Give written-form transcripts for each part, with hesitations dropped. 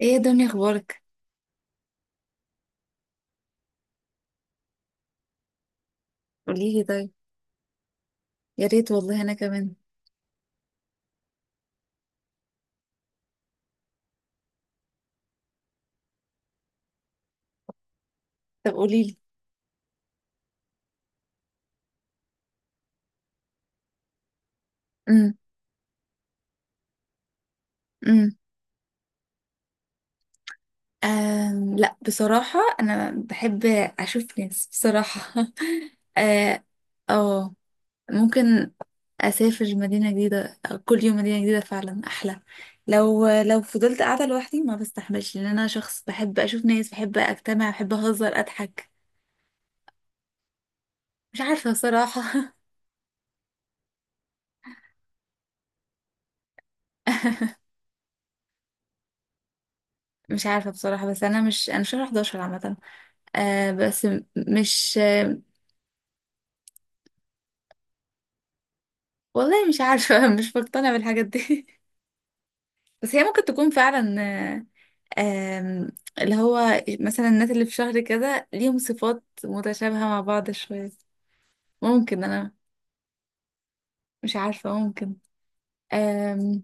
ايه يا دنيا اخبارك؟ قولي لي طيب. يا ريت والله انا كمان. طب قولي لي. امم امم آم لا بصراحة انا بحب اشوف ناس بصراحة اه آه، ممكن اسافر مدينة جديدة، كل يوم مدينة جديدة فعلا احلى. لو فضلت قاعدة لوحدي ما بستحملش، لان انا شخص بحب اشوف ناس، بحب اجتمع، بحب اهزر اضحك. مش عارفة بصراحة. مش عارفة بصراحة، بس أنا مش، أنا شهر 11 عامة. مش. والله مش عارفة. مش مقتنعة بالحاجات دي. بس هي ممكن تكون فعلا، آم، اللي هو مثلا الناس اللي في شهر كده ليهم صفات متشابهة مع بعض شوية. ممكن أنا، مش عارفة ممكن. آم،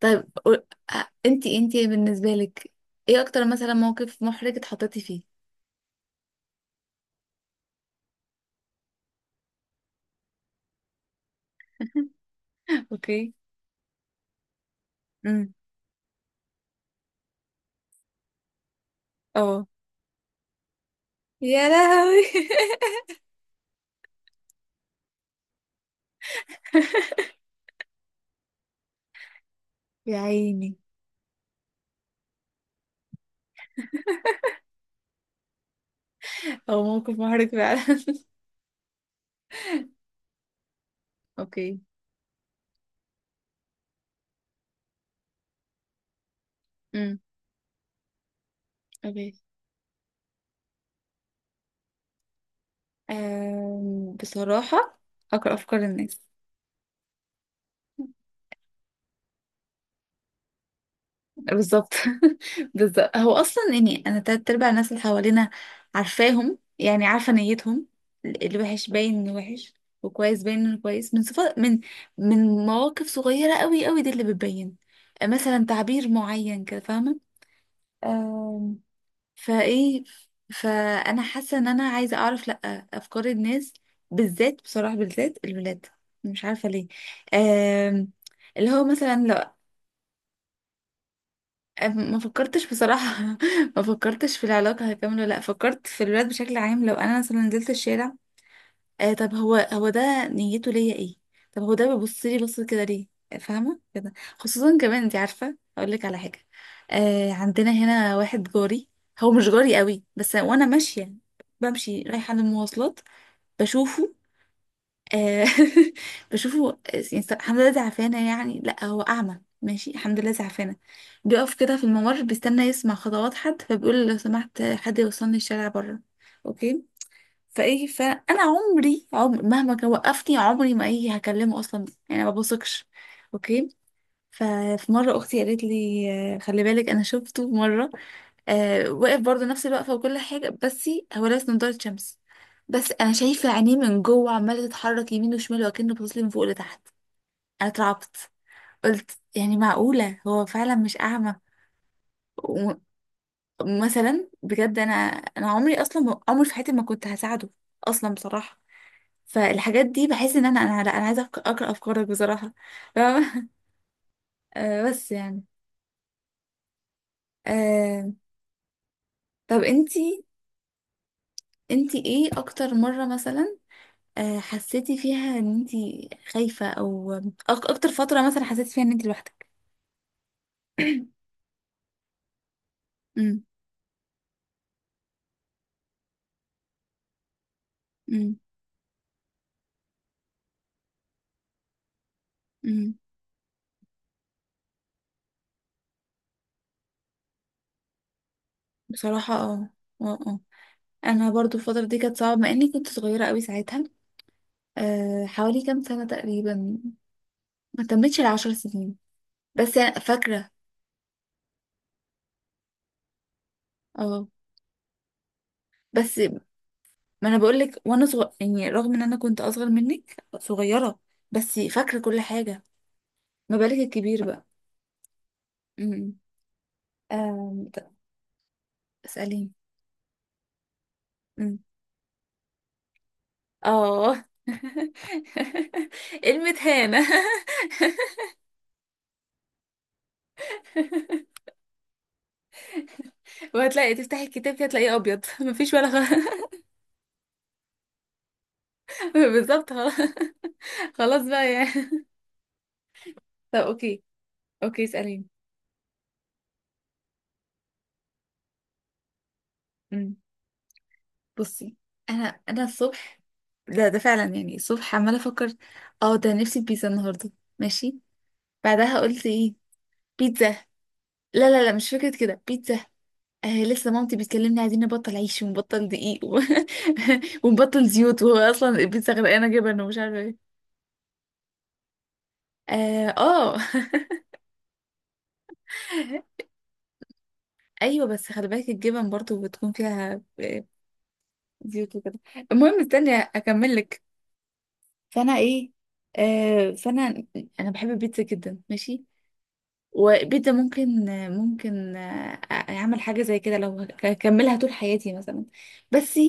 طيب قول- انتي بالنسبة لك ايه أكتر مثلا موقف محرج اتحطيتي فيه؟ اوكي. امم. اه. يا لهوي. يا عيني. هو موقف محرج فعلا. اوكي. امم. اوكي. بصراحة أقرأ أفكار الناس. بالظبط. بالظبط، هو أصلا يعني أنا تلات أرباع الناس اللي حوالينا عارفاهم، يعني عارفة نيتهم. اللي وحش باين إنه وحش، وكويس باين إنه كويس. من صفات، من مواقف صغيرة أوي أوي، دي اللي بتبين. مثلا تعبير معين كده، فاهمة؟ فايه، فانا حاسه ان انا عايزه اعرف، لا افكار الناس، بالذات بصراحه بالذات الولاد. مش عارفه ليه. آم، اللي هو مثلا لو... ما فكرتش بصراحه. ما فكرتش في العلاقه هكمل ولا لا، فكرت في الولاد بشكل عام. لو انا مثلا نزلت الشارع، طب هو ده نيته ليا ايه؟ طب هو ده بيبص لي بص كده ليه؟ فاهمه كده. خصوصا كمان، انت عارفه اقول لك على حاجه؟ عندنا هنا واحد جاري، هو مش جاري قوي بس، وانا ماشيه بمشي رايحه للمواصلات بشوفه. آه بشوفه. يعني الحمد لله زعفانه، يعني لا هو اعمى ماشي الحمد لله زعفانه. بيقف كده في الممر بيستنى يسمع خطوات حد، فبيقول لو سمحت حد يوصلني الشارع بره. اوكي. فايه، فانا عمري، عمر مهما كان وقفني عمري ما، ايه، هكلمه اصلا، يعني ما بثقش. اوكي. ففي مره اختي قالت لي خلي بالك، انا شفته مره، واقف برضه نفس الوقفه وكل حاجه، بس هو لابس نضاره شمس، بس انا شايفه عينيه من جوه عماله تتحرك يمين وشمال، وكأنه باصص لي من فوق لتحت. انا اترعبت. قلت يعني معقوله هو فعلا مش اعمى؟ ومثلا بجد انا، انا عمري اصلا عمري في حياتي ما كنت هساعده اصلا بصراحه. فالحاجات دي بحس ان انا انا لا انا عايزه اقرا افكارك بصراحه. فاهمة؟ بس يعني. آه طب انتي، انتي ايه اكتر مره مثلا حسيتي فيها ان انتي خايفه، او اكتر فتره مثلا حسيتي فيها ان انتي لوحدك؟ امم امم امم بصراحه اه. اه آه. انا برضو الفتره دي كانت صعبه، مع اني كنت صغيره قوي ساعتها. حوالي كام سنه تقريبا، ما تمتش 10 سنين، بس أنا فاكره. اه بس ما انا بقول لك، وانا صغير يعني رغم ان انا كنت اصغر منك صغيره بس فاكره كل حاجه. ما بالك الكبير بقى. امم. آم، ط- اساليني. أمم. اه. كلمة هانة. وهتلاقي تفتحي الكتاب كده تلاقيه ابيض، مفيش ولا بالظبط. خلاص. خلاص بقى يعني. طب اوكي. اوكي اساليني. أمم. بصي، انا انا الصبح، ده فعلا يعني الصبح عماله افكر، اه ده نفسي في بيتزا النهارده ماشي. بعدها قلت ايه؟ بيتزا. لا لا لا، مش فكرة كده بيتزا. لسه مامتي بتكلمني عايزين نبطل عيش ونبطل دقيق و... ونبطل زيوت، وهو اصلا البيتزا غرقانة جبن ومش عارفة ايه. اه آه. ايوه، بس خلي بالك الجبن برضو بتكون فيها زيوت وكده. المهم استني اكمل لك. فانا ايه، فانا، انا بحب البيتزا جدا ماشي. وبيتزا ممكن، ممكن اعمل حاجه زي كده لو هكملها طول حياتي مثلا، بس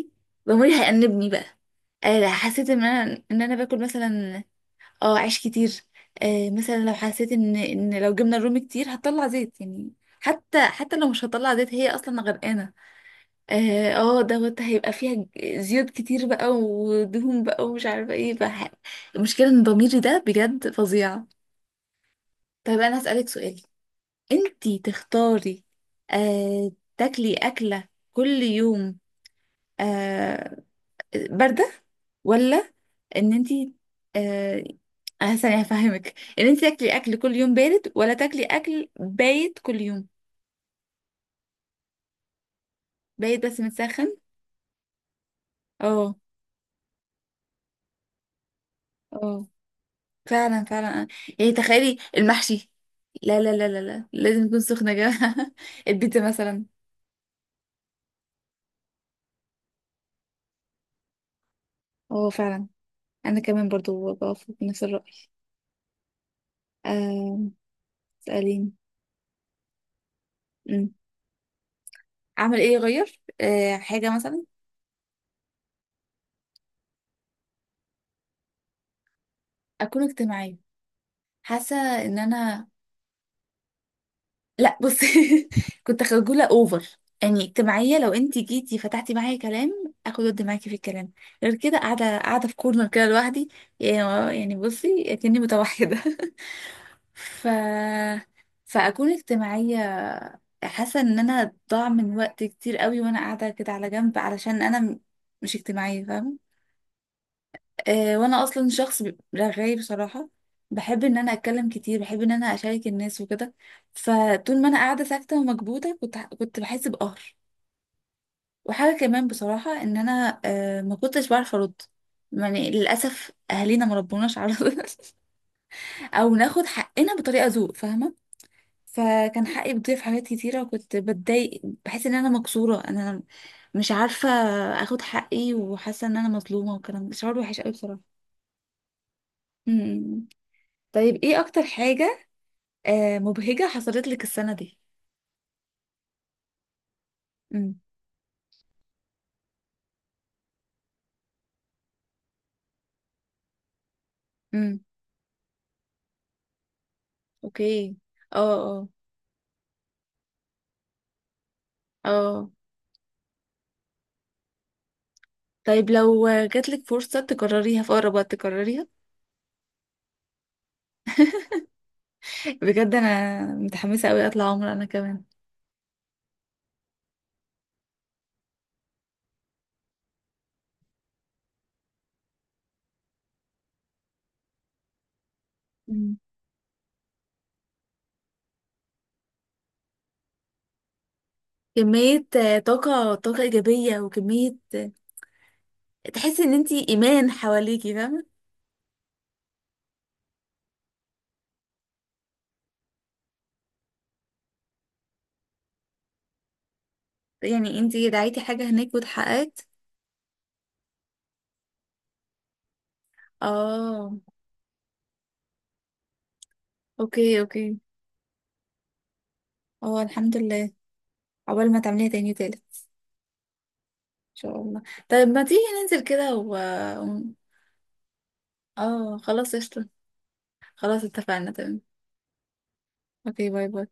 ضميري هيأنبني بقى. حسيت ان انا باكل مثلا اه عيش كتير. مثلا لو حسيت ان لو جبنا الرومي كتير هتطلع زيت يعني. حتى لو مش هتطلع زيت، هي اصلا غرقانه. دوت هيبقى فيها زيوت كتير بقى ودهون بقى ومش عارفه ايه بقى. المشكله ان ضميري ده بجد فظيع. طيب انا هسألك سؤال، انتي تختاري آه تاكلي أكلة كل يوم آه باردة، ولا ان انتي آه ثانية هفهمك، ان انتي تاكلي أكل كل يوم بارد ولا تاكلي أكل بايت كل يوم؟ بايت بس متسخن اه. اه فعلا فعلا يعني تخيلي المحشي، لا لا لا لا لا، لازم يكون سخن يا جماعة. البيتزا مثلا. اه فعلا، انا كمان برضو بوافق بنفس الرأي. آه سألين. اعمل ايه، اغير حاجه مثلا؟ اكون اجتماعيه. حاسه ان انا، لا بصي، كنت خجوله اوفر. يعني اجتماعيه لو انت جيتي فتحتي معايا كلام اخد ود معاكي في الكلام، غير كده قاعده في كورنر كده لوحدي. يعني بصي اكني متوحده. ف، فاكون اجتماعيه. حاسه ان انا ضاع من وقت كتير قوي وانا قاعده كده على جنب علشان انا مش اجتماعيه فاهمه. وانا اصلا شخص رغاي بصراحه، بحب ان انا اتكلم كتير، بحب ان انا اشارك الناس وكده. فطول ما انا قاعده ساكته ومكبوته كنت كنت بحس بقهر. وحاجه كمان بصراحه ان انا ما كنتش بعرف ارد. يعني للاسف اهالينا ما ربوناش على او ناخد حقنا بطريقه ذوق فاهمه. فكان حقي بيضيع في حاجات كتيره، وكنت بتضايق بحس ان انا مكسوره، انا مش عارفه اخد حقي، وحاسه ان انا مظلومه وكلام. شعور وحش قوي بصراحه. م- م. طيب ايه اكتر حاجه مبهجة حصلت لك السنة دي؟ امم امم اوكي اه اه اه. طيب لو جاتلك فرصة تكرريها في أقرب وقت تكرريها؟ بجد أنا متحمسة أوي أطلع عمرة أنا كمان. مم. كمية طاقة، إيجابية وكمية تحسي إن أنتي إيمان حواليكي، فاهمة؟ يعني أنتي دعيتي حاجة هناك واتحققت. اه اوكي اوكي. اه الحمد لله. عقبال ما تعمليها تاني وتالت إن شاء الله. طيب ما تيجي ننزل كده و... اه خلاص قشطة. خلاص اتفقنا تمام. اوكي، باي باي.